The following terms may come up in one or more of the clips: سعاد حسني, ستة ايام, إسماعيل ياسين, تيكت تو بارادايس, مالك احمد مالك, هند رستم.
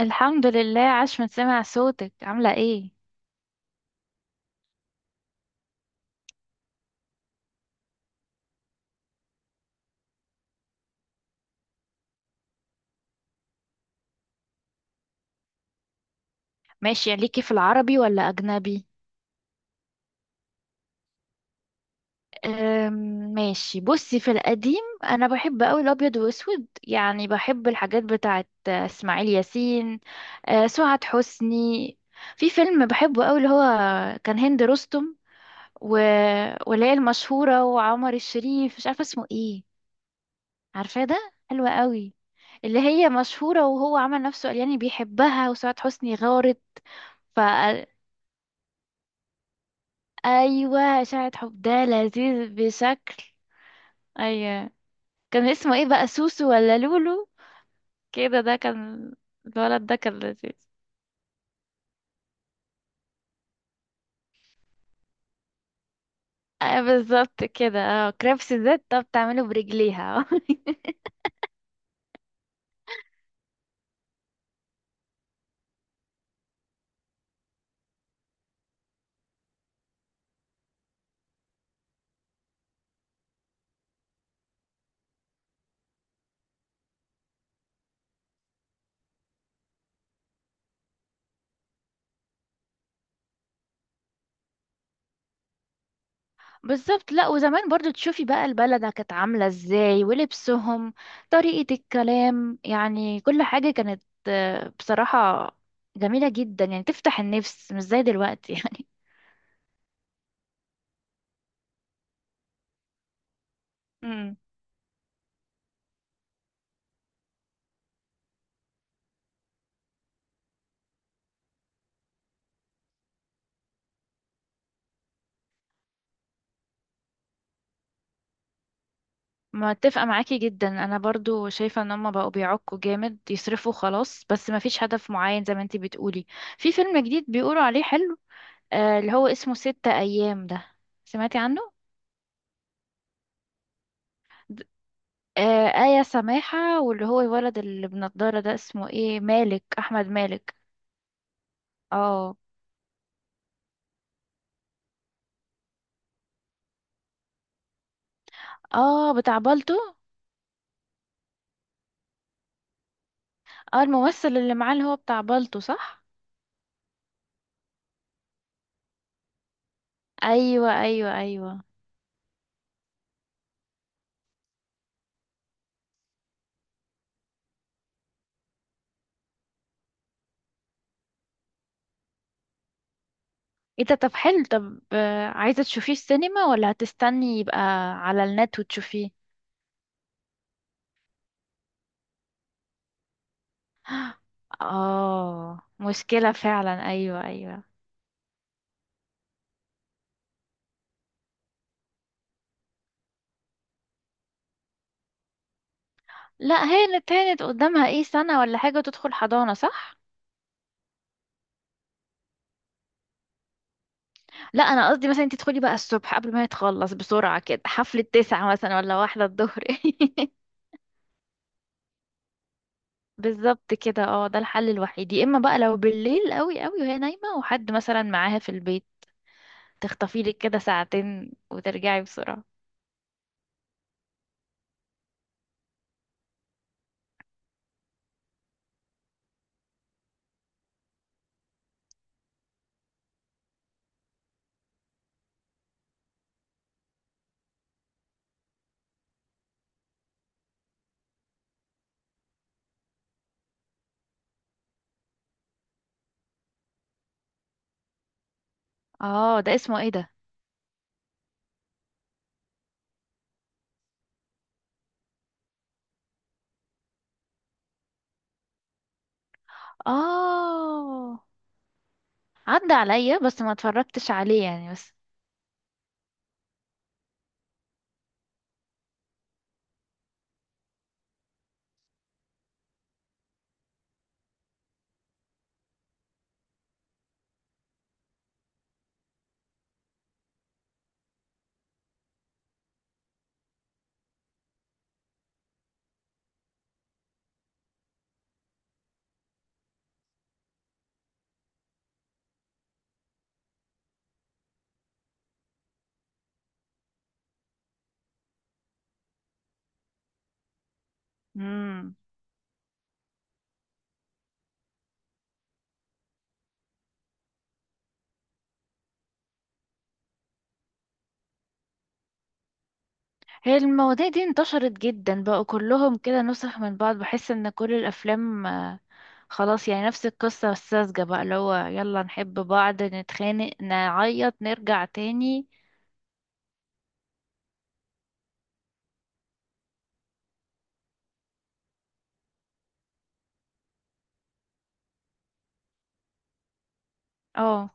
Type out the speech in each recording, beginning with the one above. الحمد لله. عاش من سمع صوتك، عاملة ايه؟ ماشي، ليكي في العربي ولا أجنبي؟ أم، ماشي، بصي في القديم. أنا بحب أوي الأبيض وأسود، يعني بحب الحاجات بتاعت إسماعيل ياسين، سعاد حسني. في فيلم بحبه أوي، اللي هو كان هند رستم و... واللي هي المشهورة وعمر الشريف، مش عارفة اسمه ايه. عارفاه ده، حلوة أوي. اللي هي مشهورة وهو عمل نفسه قال يعني بيحبها، وسعاد حسني غارت. ايوه، اشاعة حب ده لذيذ بشكل. ايوه. كان اسمه ايه بقى، سوسو ولا لولو كده؟ ده كان الولد ده كان لذيذ. ايوه، بالظبط كده. اه، كريبس الزيت، طب بتعمله برجليها. بالظبط. لا، وزمان برضو تشوفي بقى البلد كانت عاملة ازاي ولبسهم، طريقة الكلام، يعني كل حاجة كانت بصراحة جميلة جدا، يعني تفتح النفس، مش زي دلوقتي يعني. متفقة معاكي جدا، انا برضو شايفة ان هما بقوا بيعكوا جامد، يصرفوا خلاص بس مفيش هدف معين زي ما انتي بتقولي. في فيلم جديد بيقولوا عليه حلو، اللي هو اسمه 6 ايام ده، سمعتي عنه؟ د- آه، آية سماحة، واللي هو الولد اللي بنضارة ده اسمه ايه، مالك، احمد مالك. اه. اه، بتاع بالطو. اه، الممثل اللي معاه اللي هو بتاع بالطو، صح؟ ايوه ايوه ايوه. ايه ده؟ طب حلو. طب، عايزة تشوفيه السينما ولا هتستني يبقى على النت وتشوفيه؟ اه، مشكلة فعلا، ايوه ايوه. لا، هانت هانت، قدامها ايه، سنة ولا حاجة تدخل حضانة، صح؟ لا، انا قصدي مثلا انت تدخلي بقى الصبح قبل ما يتخلص، بسرعة كده، حفلة تسعة مثلا ولا واحدة الظهر. بالظبط كده. اه، ده الحل الوحيد، يا اما بقى لو بالليل قوي قوي وهي نايمة وحد مثلا معاها في البيت، تخطفي لك كده ساعتين وترجعي بسرعة. اه، ده اسمه ايه ده؟ اه، عدى عليا بس ما اتفرجتش عليه يعني، بس. مم. هي المواضيع دي انتشرت جدا، بقوا كلهم كده نسخ من بعض. بحس ان كل الافلام خلاص يعني نفس القصة الساذجة بقى، اللي هو يلا نحب بعض، نتخانق، نعيط، نرجع تاني. اه.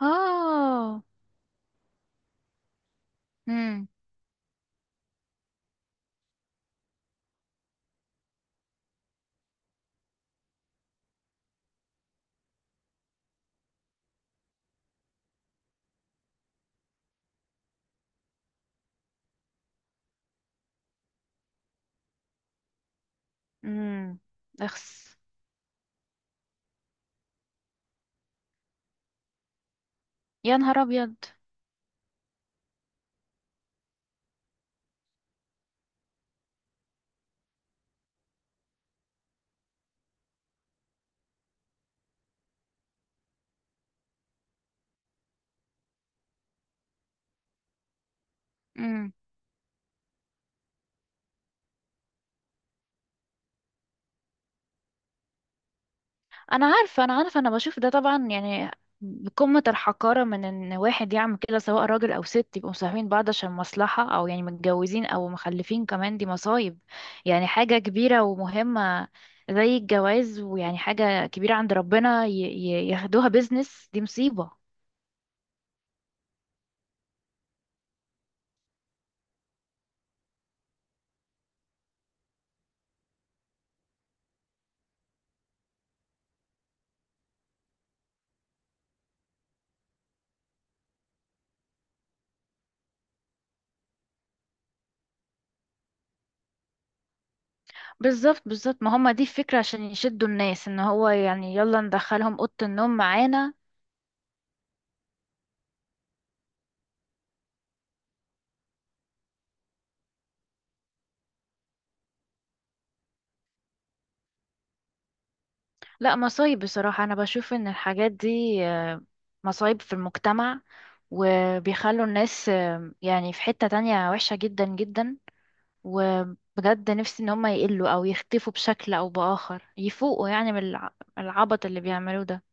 اه. امم. امم. اخس. يا نهار ابيض. انا عارفه، انا عارفه، انا بشوف ده طبعا. يعني قمه الحقاره من ان واحد يعمل كده، سواء راجل او ست، يبقوا مصاحبين بعض عشان مصلحه، او يعني متجوزين، او مخلفين كمان، دي مصايب. يعني حاجه كبيره ومهمه، زي الجواز، ويعني حاجه كبيره عند ربنا، ياخدوها بيزنس، دي مصيبه. بالظبط بالظبط، ما هم دي الفكره، عشان يشدوا الناس، ان هو يعني يلا ندخلهم اوضه النوم معانا. لا، مصايب بصراحة. أنا بشوف إن الحاجات دي آه، مصايب في المجتمع، وبيخلوا الناس يعني في حتة تانية وحشة جدا جدا، وبجد نفسي إن هم يقلوا أو يختفوا بشكل أو بآخر، يفوقوا يعني من العبط اللي بيعملوه ده.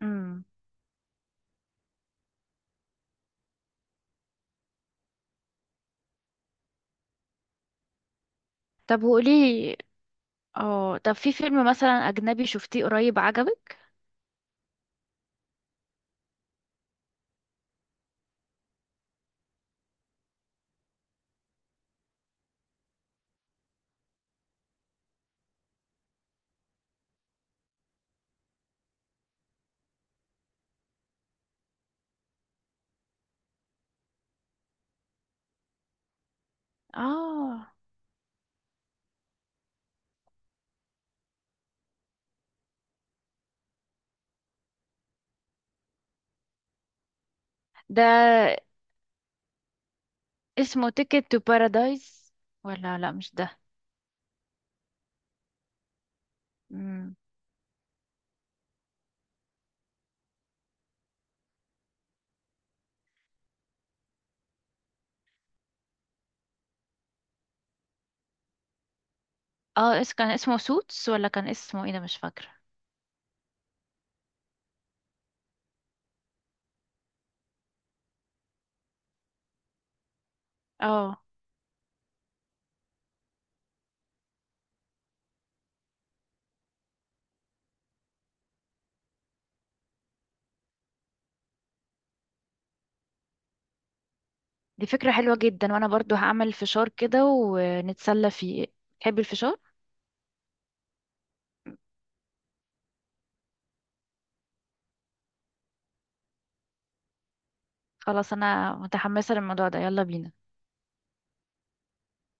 امم. طب وقولي، اه، طب في فيلم مثلا أجنبي شفتيه قريب، عجبك؟ اه، ده اسمه تيكت تو بارادايس ولا؟ لا، مش ده. اه، كان اسمه سوتس ولا كان اسمه ايه، ده مش فاكرة. اه. دي فكرة حلوة جدا، وانا برضو هعمل فشار كده ونتسلى فيه. تحبي الفشار؟ خلاص، انا متحمسة للموضوع ده، يلا بينا.